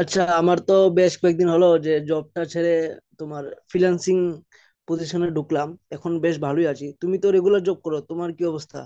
আচ্ছা, আমার তো বেশ কয়েকদিন হলো যে জবটা ছেড়ে তোমার ফ্রিল্যান্সিং পজিশনে ঢুকলাম। এখন বেশ ভালোই আছি। তুমি তো রেগুলার জব করো, তোমার কি অবস্থা?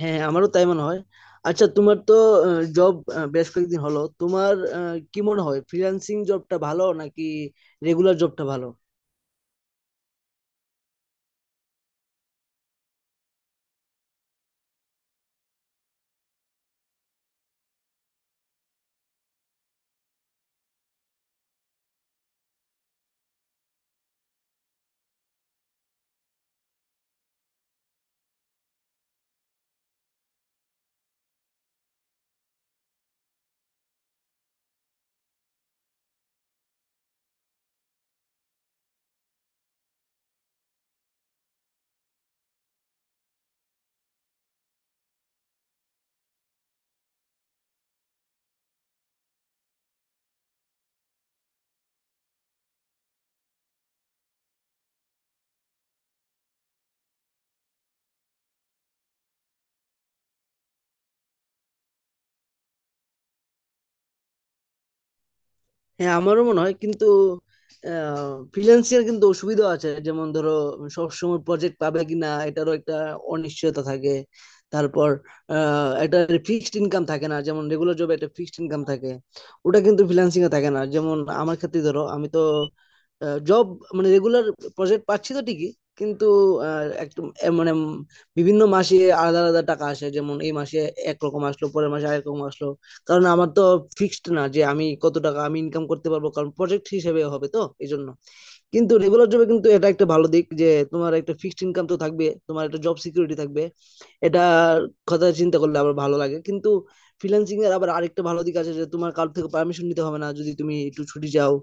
হ্যাঁ, আমারও তাই মনে হয়। আচ্ছা, তোমার তো জব বেশ কয়েকদিন হলো, তোমার কি মনে হয়, ফ্রিল্যান্সিং জবটা ভালো নাকি রেগুলার জবটা ভালো? হ্যাঁ, আমারও মনে হয়, কিন্তু ফ্রিল্যান্সিং কিন্তু সুবিধা আছে। যেমন ধরো, সবসময় প্রজেক্ট পাবে কিনা এটারও একটা অনিশ্চয়তা থাকে। তারপর একটা ফিক্সড ইনকাম থাকে না, যেমন রেগুলার জবে একটা ফিক্সড ইনকাম থাকে, ওটা কিন্তু ফ্রিল্যান্সিং এ থাকে না। যেমন আমার ক্ষেত্রে, ধরো আমি তো জব মানে রেগুলার প্রজেক্ট পাচ্ছি তো ঠিকই, কিন্তু একটু মানে বিভিন্ন মাসে আলাদা আলাদা টাকা আসে। যেমন এই মাসে একরকম আসলো, পরের মাসে আরেক রকম আসলো। কারণ আমার তো ফিক্সড না যে আমি কত টাকা আমি ইনকাম করতে পারবো, কারণ প্রজেক্ট হিসেবে হবে তো, এই জন্য। কিন্তু রেগুলার জবে কিন্তু এটা একটা ভালো দিক যে তোমার একটা ফিক্সড ইনকাম তো থাকবে, তোমার একটা জব সিকিউরিটি থাকবে। এটা কথা চিন্তা করলে আমার ভালো লাগে। কিন্তু ফ্রিল্যান্সিং এর আবার আরেকটা ভালো দিক আছে যে তোমার কারোর থেকে পারমিশন নিতে হবে না, যদি তুমি একটু ছুটি চাও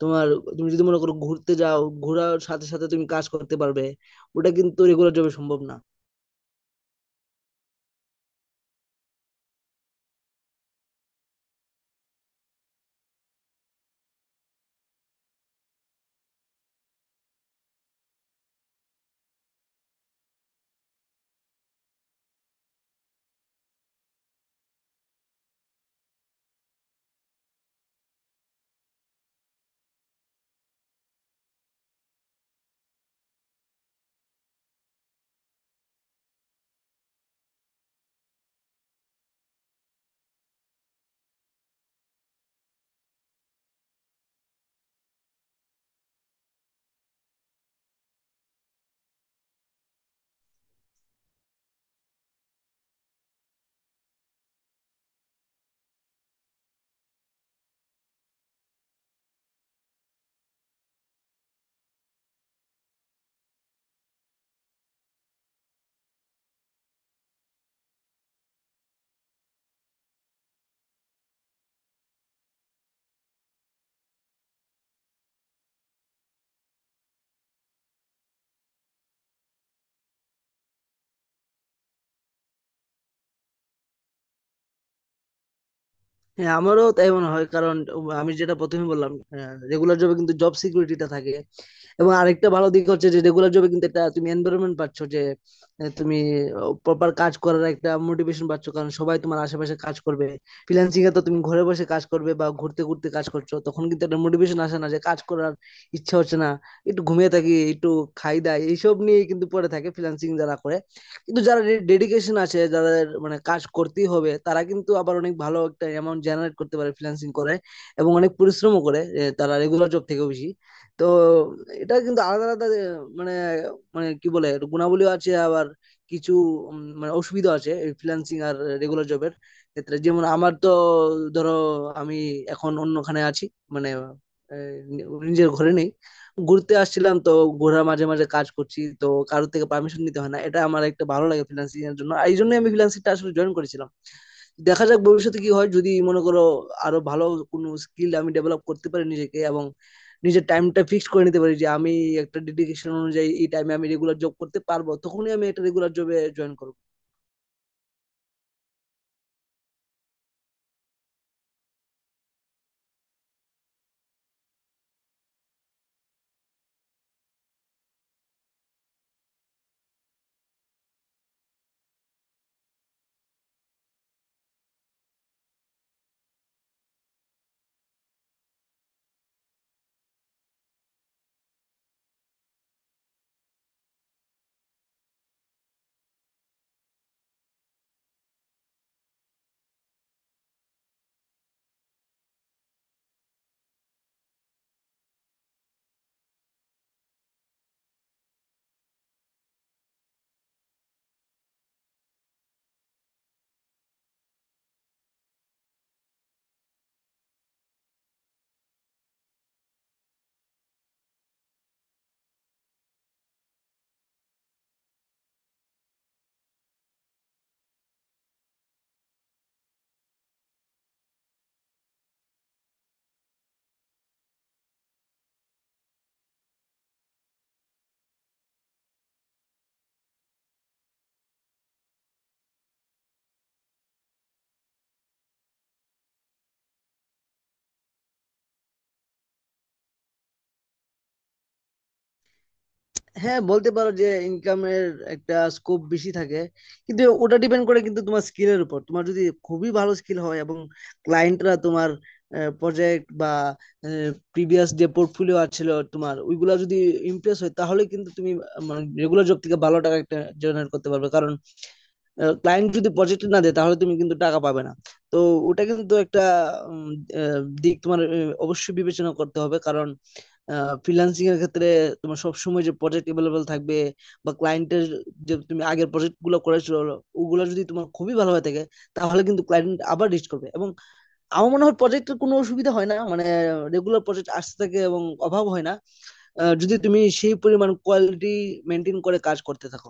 তোমার, তুমি যদি মনে করো ঘুরতে যাও, ঘোরার সাথে সাথে তুমি কাজ করতে পারবে। ওটা কিন্তু রেগুলার জবে সম্ভব না। হ্যাঁ, আমারও তাই মনে হয়, কারণ আমি যেটা প্রথমে বললাম, রেগুলার জবে কিন্তু জব সিকিউরিটিটা থাকে। এবং আরেকটা ভালো দিক হচ্ছে যে রেগুলার জবে কিন্তু একটা তুমি এনভায়রনমেন্ট পাচ্ছ, যে তুমি প্রপার কাজ করার একটা মোটিভেশন পাচ্ছ, কারণ সবাই তোমার আশেপাশে কাজ করবে। ফ্রিল্যান্সিং এ তো তুমি ঘরে বসে কাজ করবে বা ঘুরতে ঘুরতে কাজ করছো, তখন কিন্তু একটা মোটিভেশন আসে না যে কাজ করার ইচ্ছা হচ্ছে না। একটু ঘুমিয়ে থাকি, একটু খাই দাই, এইসব নিয়ে কিন্তু পড়ে থাকে ফ্রিল্যান্সিং যারা করে। কিন্তু যারা ডেডিকেশন আছে যাদের, মানে কাজ করতেই হবে, তারা কিন্তু আবার অনেক ভালো একটা অ্যামাউন্ট জেনারেট করতে পারে ফ্রিল্যান্সিং করে, এবং অনেক পরিশ্রমও করে, তারা রেগুলার জব থেকেও বেশি। তো এটা কিন্তু আলাদা আলাদা, মানে, কি বলে, এটা গুণাবলীও আছে, আবার কিছু মানে অসুবিধা আছে ফ্রিল্যান্সিং আর রেগুলার জবের ক্ষেত্রে। যেমন আমার তো, ধরো আমি এখন অন্যখানে আছি, মানে এ, নিজের ঘরে নেই। ঘুরতে আসছিলাম তো, ঘোরার মাঝে মাঝে কাজ করছি তো, কারোর থেকে পারমিশন নিতে হয় না। এটা আমার একটা ভালো লাগে ফ্রিল্যান্সিং এর জন্য, আর এই জন্যই আমি ফ্রিল্যান্সিংটা আসলে জয়েন করেছিলাম। দেখা যাক ভবিষ্যতে কি হয়, যদি মনে করো আরো ভালো কোনো স্কিল আমি ডেভেলপ করতে পারি নিজেকে, এবং নিজের টাইমটা ফিক্স করে নিতে পারি যে আমি একটা ডেডিকেশন অনুযায়ী এই টাইমে আমি রেগুলার জব করতে পারবো, তখনই আমি একটা রেগুলার জবে জয়েন করবো। হ্যাঁ, বলতে পারো যে ইনকামের একটা স্কোপ বেশি থাকে, কিন্তু ওটা ডিপেন্ড করে কিন্তু তোমার স্কিলের উপর। তোমার যদি খুবই ভালো স্কিল হয় এবং ক্লায়েন্টরা তোমার প্রজেক্ট বা প্রিভিয়াস যে পোর্টফোলিও আছিল তোমার ওইগুলা যদি ইমপ্রেস হয়, তাহলে কিন্তু তুমি মানে রেগুলার জব থেকে ভালো টাকা একটা জেনারেট করতে পারবে, কারণ ক্লায়েন্ট যদি প্রজেক্ট না দেয় তাহলে তুমি কিন্তু টাকা পাবে না। তো ওটা কিন্তু একটা উম, দিক তোমার অবশ্যই বিবেচনা করতে হবে, কারণ ফ্রিল্যান্সিং এর ক্ষেত্রে তোমার সবসময় যে প্রজেক্ট এভেলেবেল থাকবে বা ক্লায়েন্টের, যে তুমি আগের প্রজেক্ট গুলো করেছো ওগুলো যদি তোমার খুবই ভালো হয়ে থাকে, তাহলে কিন্তু ক্লায়েন্ট আবার রিচ করবে। এবং আমার মনে হয় প্রজেক্টের কোনো অসুবিধা হয় না, মানে রেগুলার প্রজেক্ট আসতে থাকে এবং অভাব হয় না, যদি তুমি সেই পরিমাণ কোয়ালিটি মেনটেন করে কাজ করতে থাকো।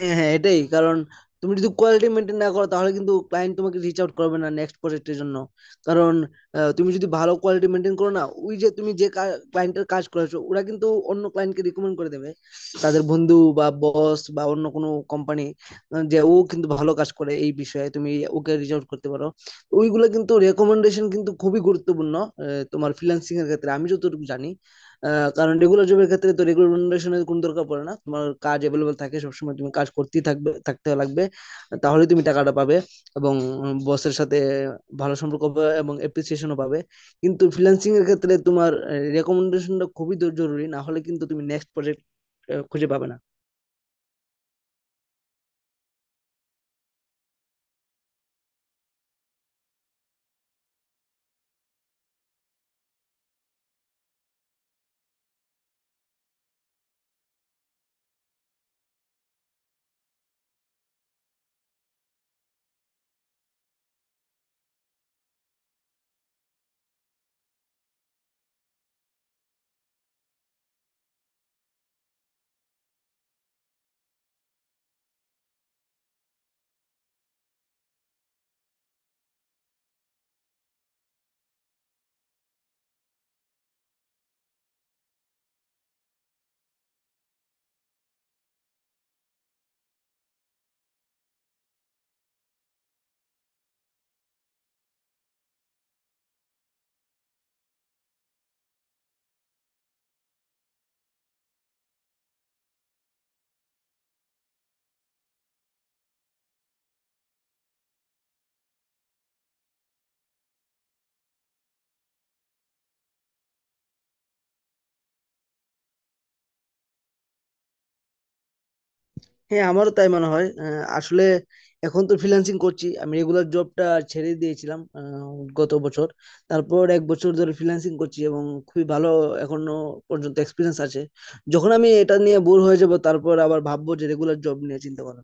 হ্যাঁ, হ্যাঁ, এটাই কারণ তুমি যদি কোয়ালিটি মেনটেন না করো তাহলে কিন্তু ক্লায়েন্ট তোমাকে রিচ আউট করবে না নেক্সট প্রজেক্টের জন্য। কারণ তুমি যদি ভালো কোয়ালিটি মেনটেন করো না, ওই যে তুমি যে ক্লায়েন্টের কাজ করেছো ওরা কিন্তু অন্য ক্লায়েন্টকে রিকমেন্ড করে দেবে তাদের বন্ধু বা বস বা অন্য কোনো কোম্পানি, যে ও কিন্তু ভালো কাজ করে, এই বিষয়ে তুমি ওকে রিচ আউট করতে পারো। ওইগুলো কিন্তু রেকমেন্ডেশন কিন্তু খুবই গুরুত্বপূর্ণ তোমার ফ্রিল্যান্সিং এর ক্ষেত্রে, আমি যতটুকু জানি। কারণ রেগুলার জবের ক্ষেত্রে তো রেগুলার কোনো দরকার পড়ে না, তোমার কাজ অ্যাভেলেবল থাকে সবসময়, তুমি কাজ করতেই থাকবে, থাকতে লাগবে, তাহলে তুমি টাকাটা পাবে এবং বসের সাথে ভালো সম্পর্ক হবে এবং অ্যাপ্রিসিয়েশনও পাবে। কিন্তু ফ্রিল্যান্সিং এর ক্ষেত্রে তোমার রেকমেন্ডেশনটা খুবই জরুরি, না হলে কিন্তু তুমি নেক্সট প্রজেক্ট খুঁজে পাবে না। হ্যাঁ, আমারও তাই মনে হয়। আসলে এখন তো ফ্রিল্যান্সিং করছি, আমি রেগুলার জবটা ছেড়ে দিয়েছিলাম গত বছর। তারপর এক বছর ধরে ফ্রিল্যান্সিং করছি, এবং খুবই ভালো এখনো পর্যন্ত এক্সপিরিয়েন্স আছে। যখন আমি এটা নিয়ে বোর হয়ে যাব তারপর আবার ভাববো যে রেগুলার জব নিয়ে চিন্তা করব।